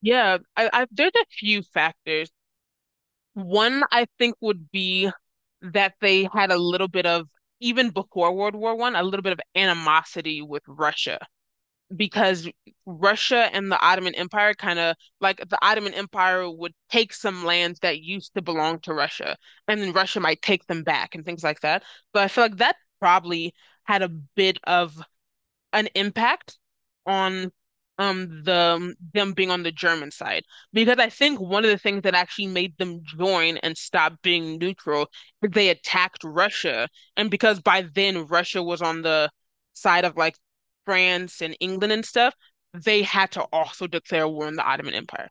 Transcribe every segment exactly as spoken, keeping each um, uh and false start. Yeah, I, I there's a few factors. One I think would be that they had a little bit of, even before World War One, a little bit of animosity with Russia because Russia and the Ottoman Empire kind of like the Ottoman Empire would take some lands that used to belong to Russia, and then Russia might take them back and things like that. But I feel like that probably had a bit of an impact on um the them being on the German side because I think one of the things that actually made them join and stop being neutral is they attacked Russia, and because by then Russia was on the side of like France and England and stuff, they had to also declare war on the Ottoman Empire.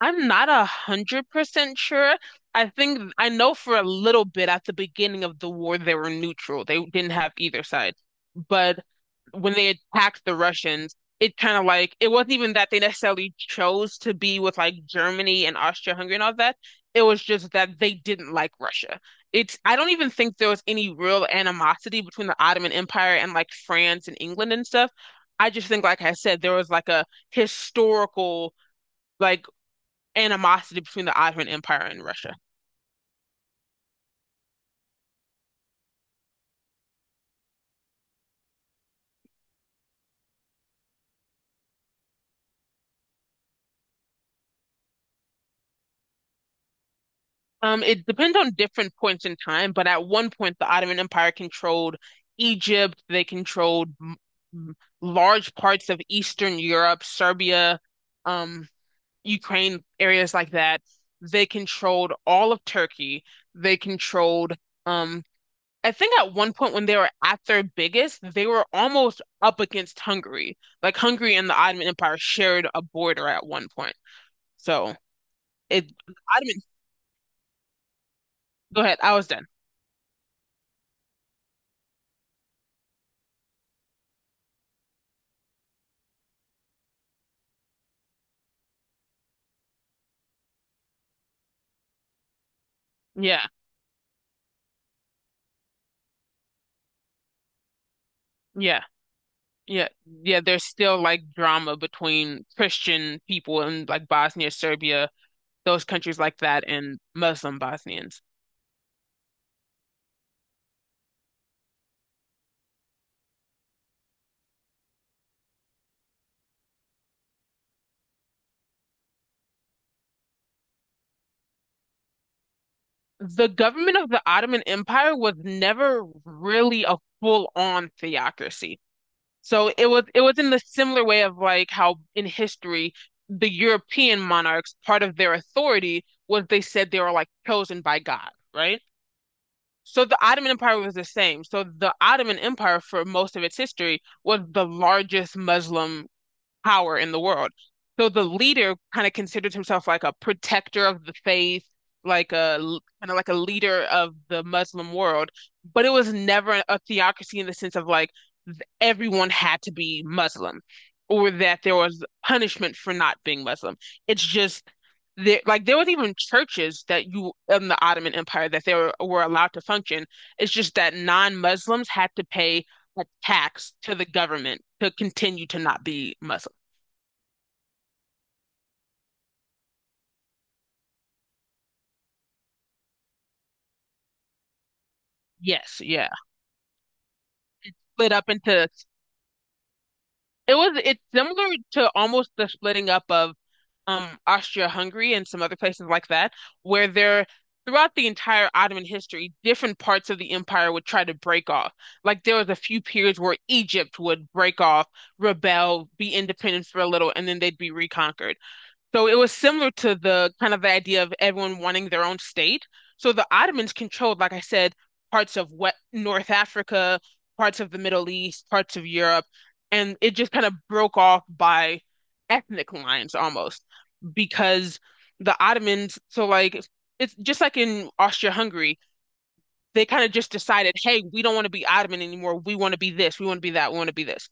I'm not a hundred percent sure. I think I know for a little bit at the beginning of the war they were neutral. They didn't have either side. But when they attacked the Russians, it kind of like it wasn't even that they necessarily chose to be with like Germany and Austria-Hungary and all that. It was just that they didn't like Russia. It's I don't even think there was any real animosity between the Ottoman Empire and like France and England and stuff. I just think, like I said, there was like a historical like animosity between the Ottoman Empire and Russia. Um, it depends on different points in time, but at one point, the Ottoman Empire controlled Egypt. They controlled m- large parts of Eastern Europe, Serbia, um, Ukraine, areas like that. They controlled all of Turkey. They controlled, um, I think at one point when they were at their biggest, they were almost up against Hungary. Like Hungary and the Ottoman Empire shared a border at one point. So it Ottoman. Go ahead. I was done. Yeah, yeah, yeah, yeah. There's still like drama between Christian people in like Bosnia, Serbia, those countries like that, and Muslim Bosnians. The government of the Ottoman Empire was never really a full-on theocracy. So it was it was in the similar way of like how in history the European monarchs, part of their authority was they said they were like chosen by God, right? So the Ottoman Empire was the same. So the Ottoman Empire, for most of its history, was the largest Muslim power in the world. So the leader kind of considered himself like a protector of the faith, like a kind of like a leader of the Muslim world, but it was never a theocracy in the sense of like th- everyone had to be Muslim or that there was punishment for not being Muslim. It's just there, like there was even churches that you in the Ottoman Empire that they were, were allowed to function. It's just that non-Muslims had to pay a tax to the government to continue to not be Muslim. Yes, yeah. Split up into it was it's similar to almost the splitting up of um Austria-Hungary and some other places like that, where they're throughout the entire Ottoman history, different parts of the empire would try to break off. Like there was a few periods where Egypt would break off, rebel, be independent for a little, and then they'd be reconquered. So it was similar to the kind of the idea of everyone wanting their own state. So the Ottomans controlled, like I said, parts of what North Africa, parts of the Middle East, parts of Europe, and it just kind of broke off by ethnic lines almost because the Ottomans, so like it's just like in Austria-Hungary, they kind of just decided, hey, we don't want to be Ottoman anymore. We want to be this, we want to be that, we want to be this.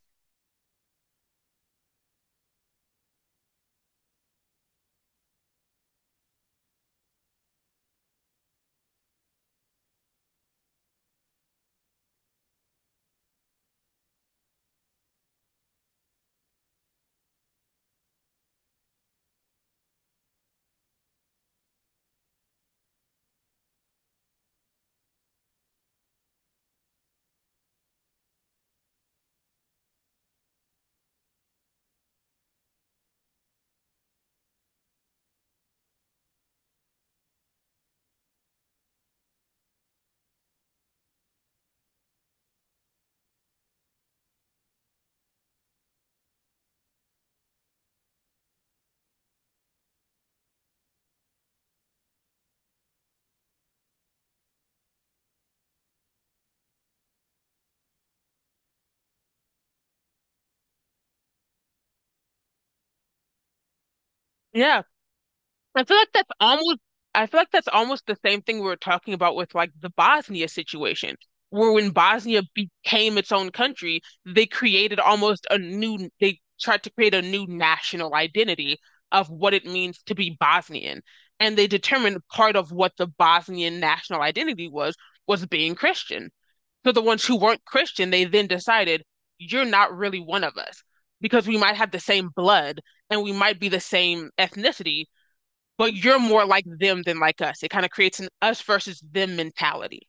Yeah, I feel like that's almost I feel like that's almost the same thing we were talking about with like the Bosnia situation, where when Bosnia became its own country, they created almost a new they tried to create a new national identity of what it means to be Bosnian. And they determined part of what the Bosnian national identity was was being Christian. So the ones who weren't Christian, they then decided, you're not really one of us because we might have the same blood and we might be the same ethnicity, but you're more like them than like us. It kind of creates an us versus them mentality.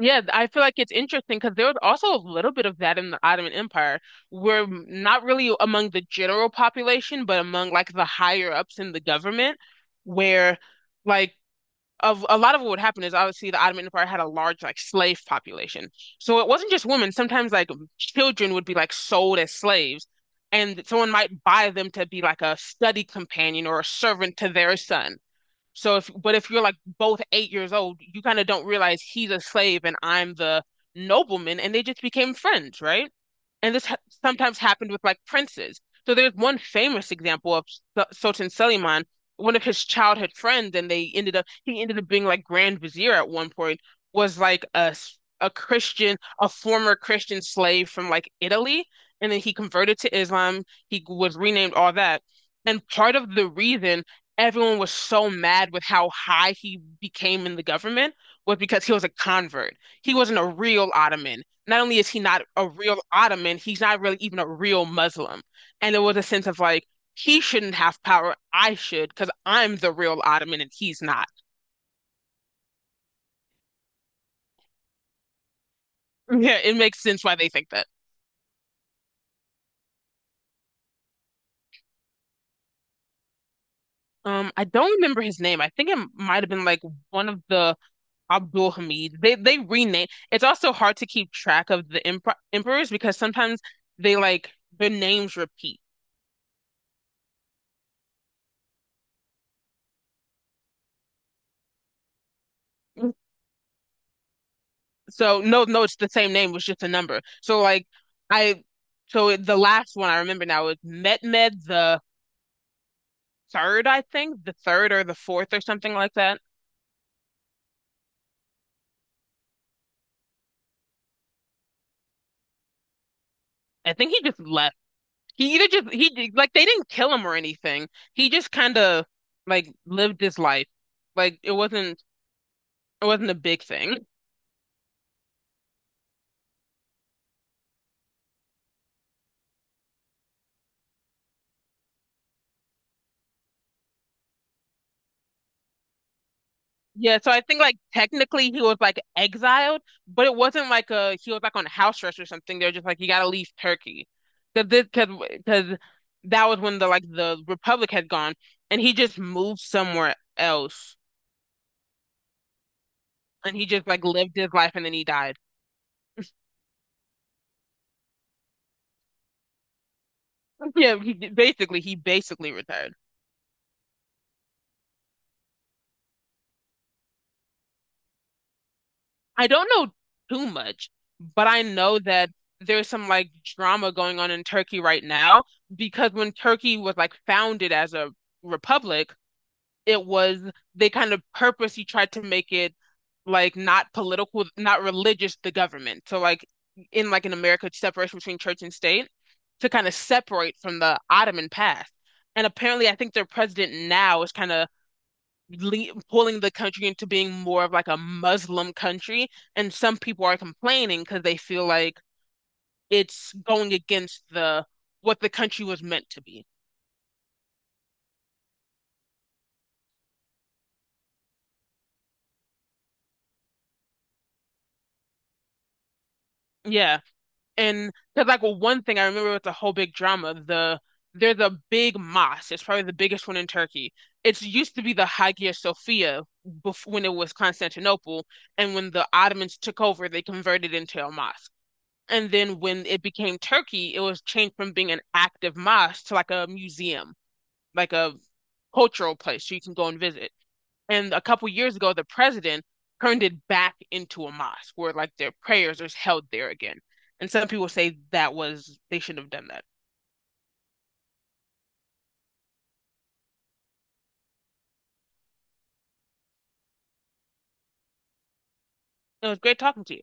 Yeah, I feel like it's interesting because there was also a little bit of that in the Ottoman Empire. We're not really among the general population, but among like the higher ups in the government, where like of a lot of what would happen is obviously the Ottoman Empire had a large like slave population. So it wasn't just women. Sometimes like children would be like sold as slaves, and someone might buy them to be like a study companion or a servant to their son. So if but if you're like both eight years old, you kind of don't realize he's a slave and I'm the nobleman, and they just became friends, right? And this ha sometimes happened with like princes. So there's one famous example of S- Sultan Selimán, one of his childhood friends, and they ended up he ended up being like Grand Vizier at one point, was like a s- a Christian, a former Christian slave from like Italy, and then he converted to Islam. He was renamed all that, and part of the reason everyone was so mad with how high he became in the government was because he was a convert. He wasn't a real Ottoman not only is he not a real Ottoman, he's not really even a real Muslim. And there was a sense of like, he shouldn't have power. I should, because I'm the real Ottoman and he's not. Yeah, it makes sense why they think that. Um, I don't remember his name. I think it might have been like one of the Abdul Hamid. They they rename. It's also hard to keep track of the emper emperors because sometimes they like their names repeat. So no, no, it's the same name. It was just a number. So like I, so it, the last one I remember now is Mehmed the third, I think, the third or the fourth or something like that. I think he just left. He either just he did- like they didn't kill him or anything. He just kind of like lived his life. Like it wasn't it wasn't a big thing. Yeah, so I think like technically he was like exiled, but it wasn't like a he was like on house arrest or something. They're just like you gotta leave Turkey, because this because because that was when the like the Republic had gone, and he just moved somewhere else, and he just like lived his life and then he died. Yeah, he basically he basically retired. I don't know too much, but I know that there's some like drama going on in Turkey right now because when Turkey was like founded as a republic it was they kind of purposely tried to make it like not political, not religious, the government. So like in like in America, separation between church and state to kind of separate from the Ottoman past. And apparently, I think their president now is kind of le pulling the country into being more of like a Muslim country. And some people are complaining because they feel like it's going against the what the country was meant to be. Yeah. And because like well, one thing I remember it's a whole big drama. The there's a big mosque. It's probably the biggest one in Turkey. It's used to be the Hagia Sophia bef when it was Constantinople, and when the Ottomans took over, they converted it into a mosque. And then when it became Turkey, it was changed from being an active mosque to like a museum, like a cultural place so you can go and visit. And a couple years ago, the president turned it back into a mosque where like their prayers are held there again. And some people say that was, they shouldn't have done that. It was great talking to you.